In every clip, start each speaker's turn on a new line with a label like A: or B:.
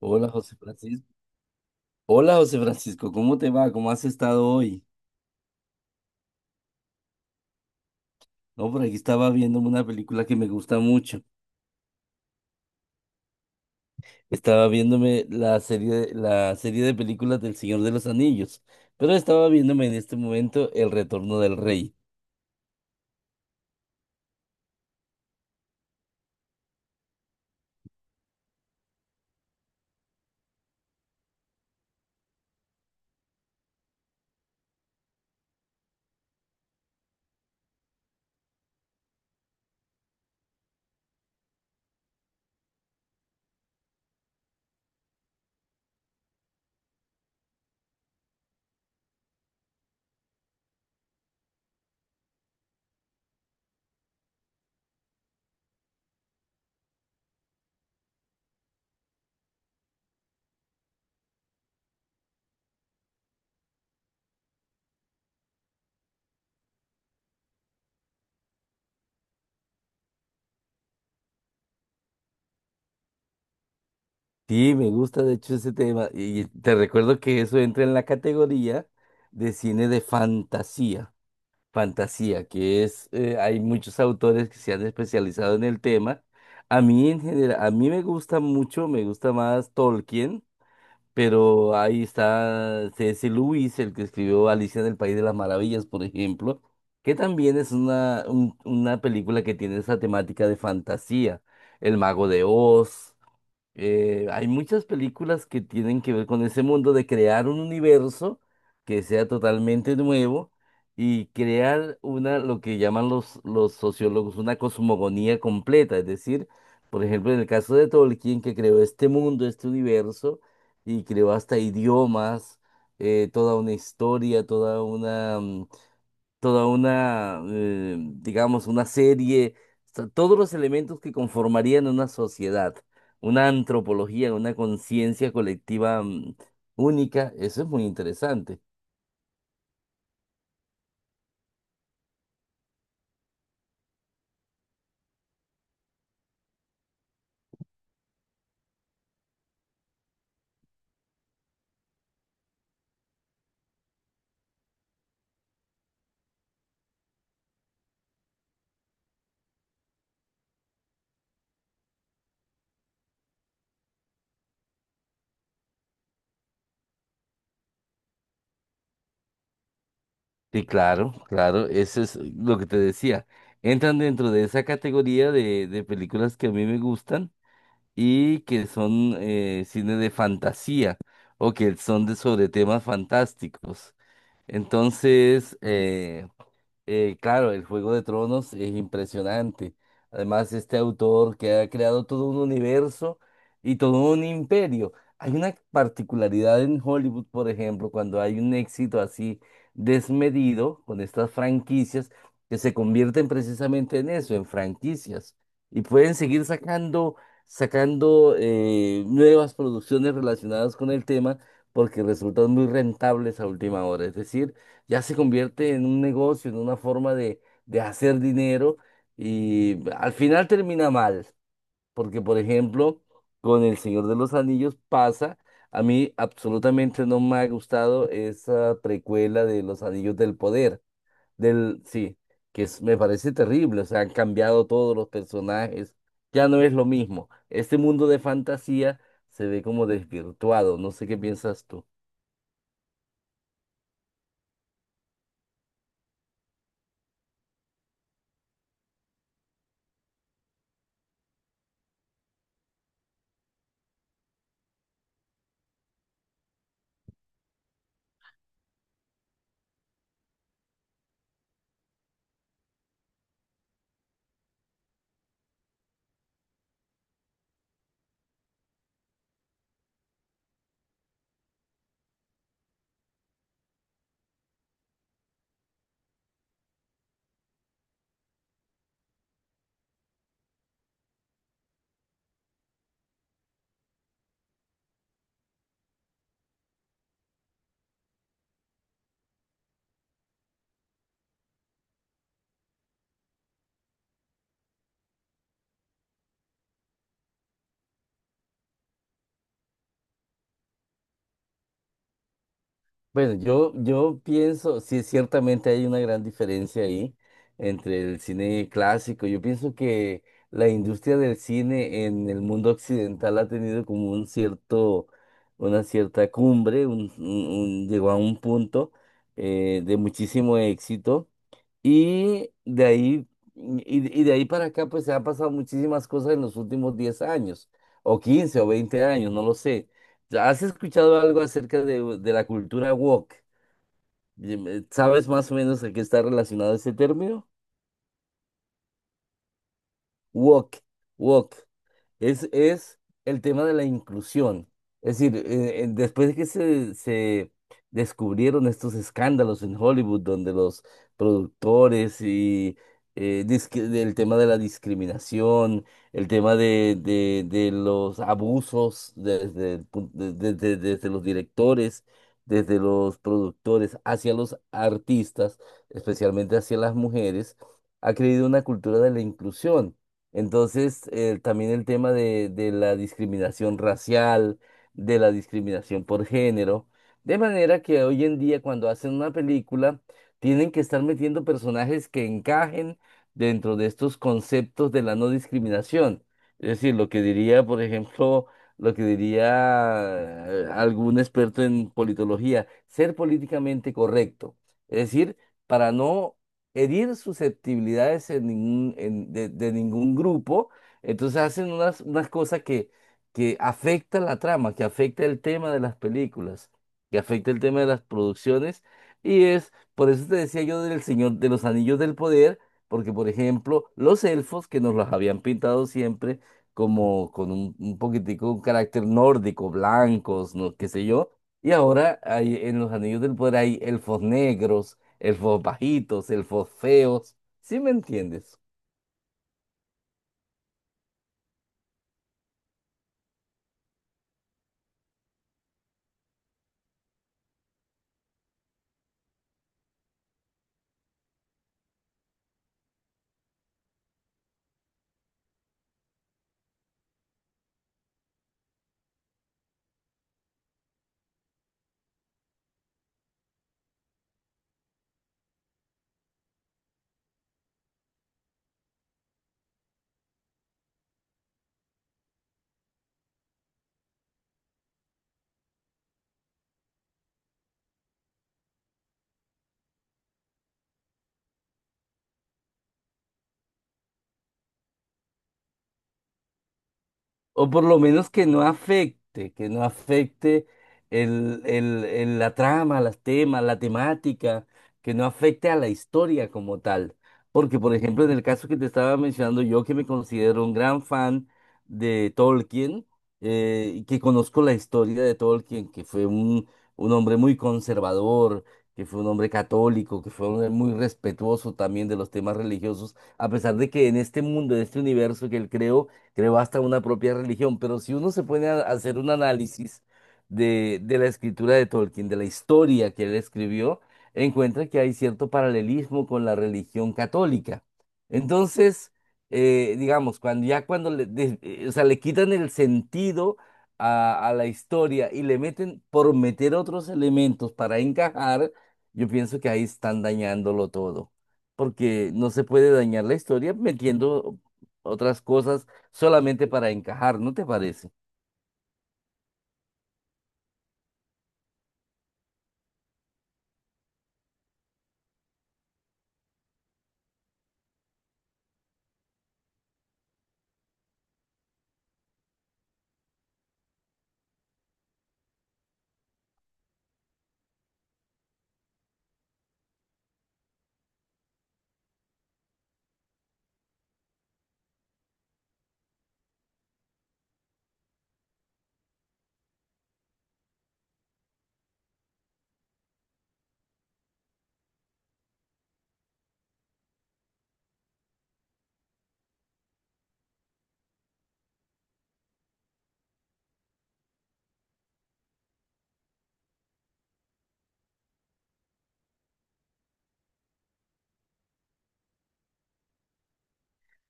A: Hola José Francisco. Hola José Francisco, ¿cómo te va? ¿Cómo has estado hoy? No, por aquí estaba viéndome una película que me gusta mucho. Estaba viéndome la serie de películas del Señor de los Anillos, pero estaba viéndome en este momento El Retorno del Rey. Sí, me gusta de hecho ese tema y te recuerdo que eso entra en la categoría de cine de fantasía. Fantasía, que es, hay muchos autores que se han especializado en el tema. A mí me gusta mucho, me gusta más Tolkien, pero ahí está C. S. Lewis, el que escribió Alicia en el País de las Maravillas, por ejemplo, que también es una película que tiene esa temática de fantasía, El Mago de Oz. Hay muchas películas que tienen que ver con ese mundo de crear un universo que sea totalmente nuevo y crear una, lo que llaman los sociólogos, una cosmogonía completa. Es decir, por ejemplo, en el caso de Tolkien, que creó este mundo, este universo, y creó hasta idiomas, toda una historia, toda una, digamos, una serie, o sea, todos los elementos que conformarían una sociedad, una antropología, una conciencia colectiva, única, eso es muy interesante. Sí, claro, claro, eso es lo que te decía. Entran dentro de esa categoría de películas que a mí me gustan y que son cine de fantasía o que son de sobre temas fantásticos. Entonces, claro, el Juego de Tronos es impresionante. Además, este autor que ha creado todo un universo y todo un imperio. Hay una particularidad en Hollywood, por ejemplo, cuando hay un éxito así desmedido con estas franquicias que se convierten precisamente en eso, en franquicias. Y pueden seguir sacando nuevas producciones relacionadas con el tema porque resultan muy rentables a última hora. Es decir, ya se convierte en un negocio, en una forma de hacer dinero y al final termina mal, porque por ejemplo, con El Señor de los Anillos pasa, a mí absolutamente no me ha gustado esa precuela de Los Anillos del Poder, sí, me parece terrible, o sea, han cambiado todos los personajes, ya no es lo mismo, este mundo de fantasía se ve como desvirtuado, no sé qué piensas tú. Bueno, yo pienso, sí, ciertamente hay una gran diferencia ahí entre el cine clásico. Yo pienso que la industria del cine en el mundo occidental ha tenido como una cierta cumbre, llegó a un punto de muchísimo éxito. Y de ahí, y de ahí para acá, pues se han pasado muchísimas cosas en los últimos 10 años, o 15 o 20 años, no lo sé. ¿Has escuchado algo acerca de la cultura woke? Dime, ¿sabes más o menos a qué está relacionado ese término? Woke, woke. Es el tema de la inclusión. Es decir, después de que se descubrieron estos escándalos en Hollywood, donde los productores y del tema de la discriminación, el tema de los abusos desde, el pun- de- desde los directores, desde los productores hacia los artistas, especialmente hacia las mujeres, ha creído una cultura de la inclusión. Entonces, también el tema de la discriminación racial, de la discriminación por género, de manera que hoy en día cuando hacen una película, tienen que estar metiendo personajes que encajen dentro de estos conceptos de la no discriminación. Es decir, lo que diría, por ejemplo, lo que diría algún experto en politología, ser políticamente correcto. Es decir, para no herir susceptibilidades en ningún, en- de ningún grupo. Entonces hacen unas cosas que afectan la trama, que afecta el tema de las películas, que afecta el tema de las producciones. Por eso te decía yo del Señor de los Anillos del Poder, porque por ejemplo, los elfos que nos los habían pintado siempre como con un poquitico un carácter nórdico, blancos, no, qué sé yo. Y ahora hay, en los Anillos del Poder hay elfos negros, el elfos bajitos, el elfos feos. ¿Sí me entiendes? O por lo menos que no afecte, que no afecte la trama, las temas, la temática, que no afecte a la historia como tal. Porque, por ejemplo, en el caso que te estaba mencionando, yo que me considero un gran fan de Tolkien, y que conozco la historia de Tolkien, que fue un hombre muy conservador, que fue un hombre católico, que fue un hombre muy respetuoso también de los temas religiosos, a pesar de que en este mundo, en este universo que él creó, creó hasta una propia religión, pero si uno se pone a hacer un análisis de la escritura de Tolkien, de la historia que él escribió, encuentra que hay cierto paralelismo con la religión católica. Entonces, digamos, cuando ya cuando le, des- o sea, le quitan el sentido a la historia y le meten por meter otros elementos para encajar, yo pienso que ahí están dañándolo todo, porque no se puede dañar la historia metiendo otras cosas solamente para encajar, ¿no te parece?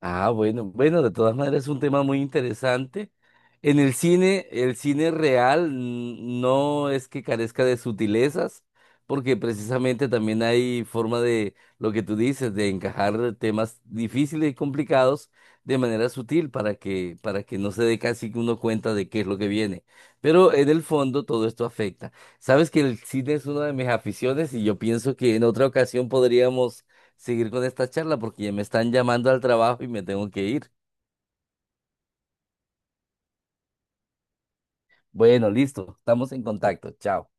A: Ah, bueno, bueno, de todas maneras es un tema muy interesante. En el cine real no es que carezca de sutilezas, porque precisamente también hay forma de lo que tú dices, de encajar temas difíciles y complicados de manera sutil para que no se dé casi que uno cuenta de qué es lo que viene. Pero en el fondo todo esto afecta. Sabes que el cine es una de mis aficiones y yo pienso que en otra ocasión podríamos seguir con esta charla porque ya me están llamando al trabajo y me tengo que ir. Bueno, listo, estamos en contacto. Chao.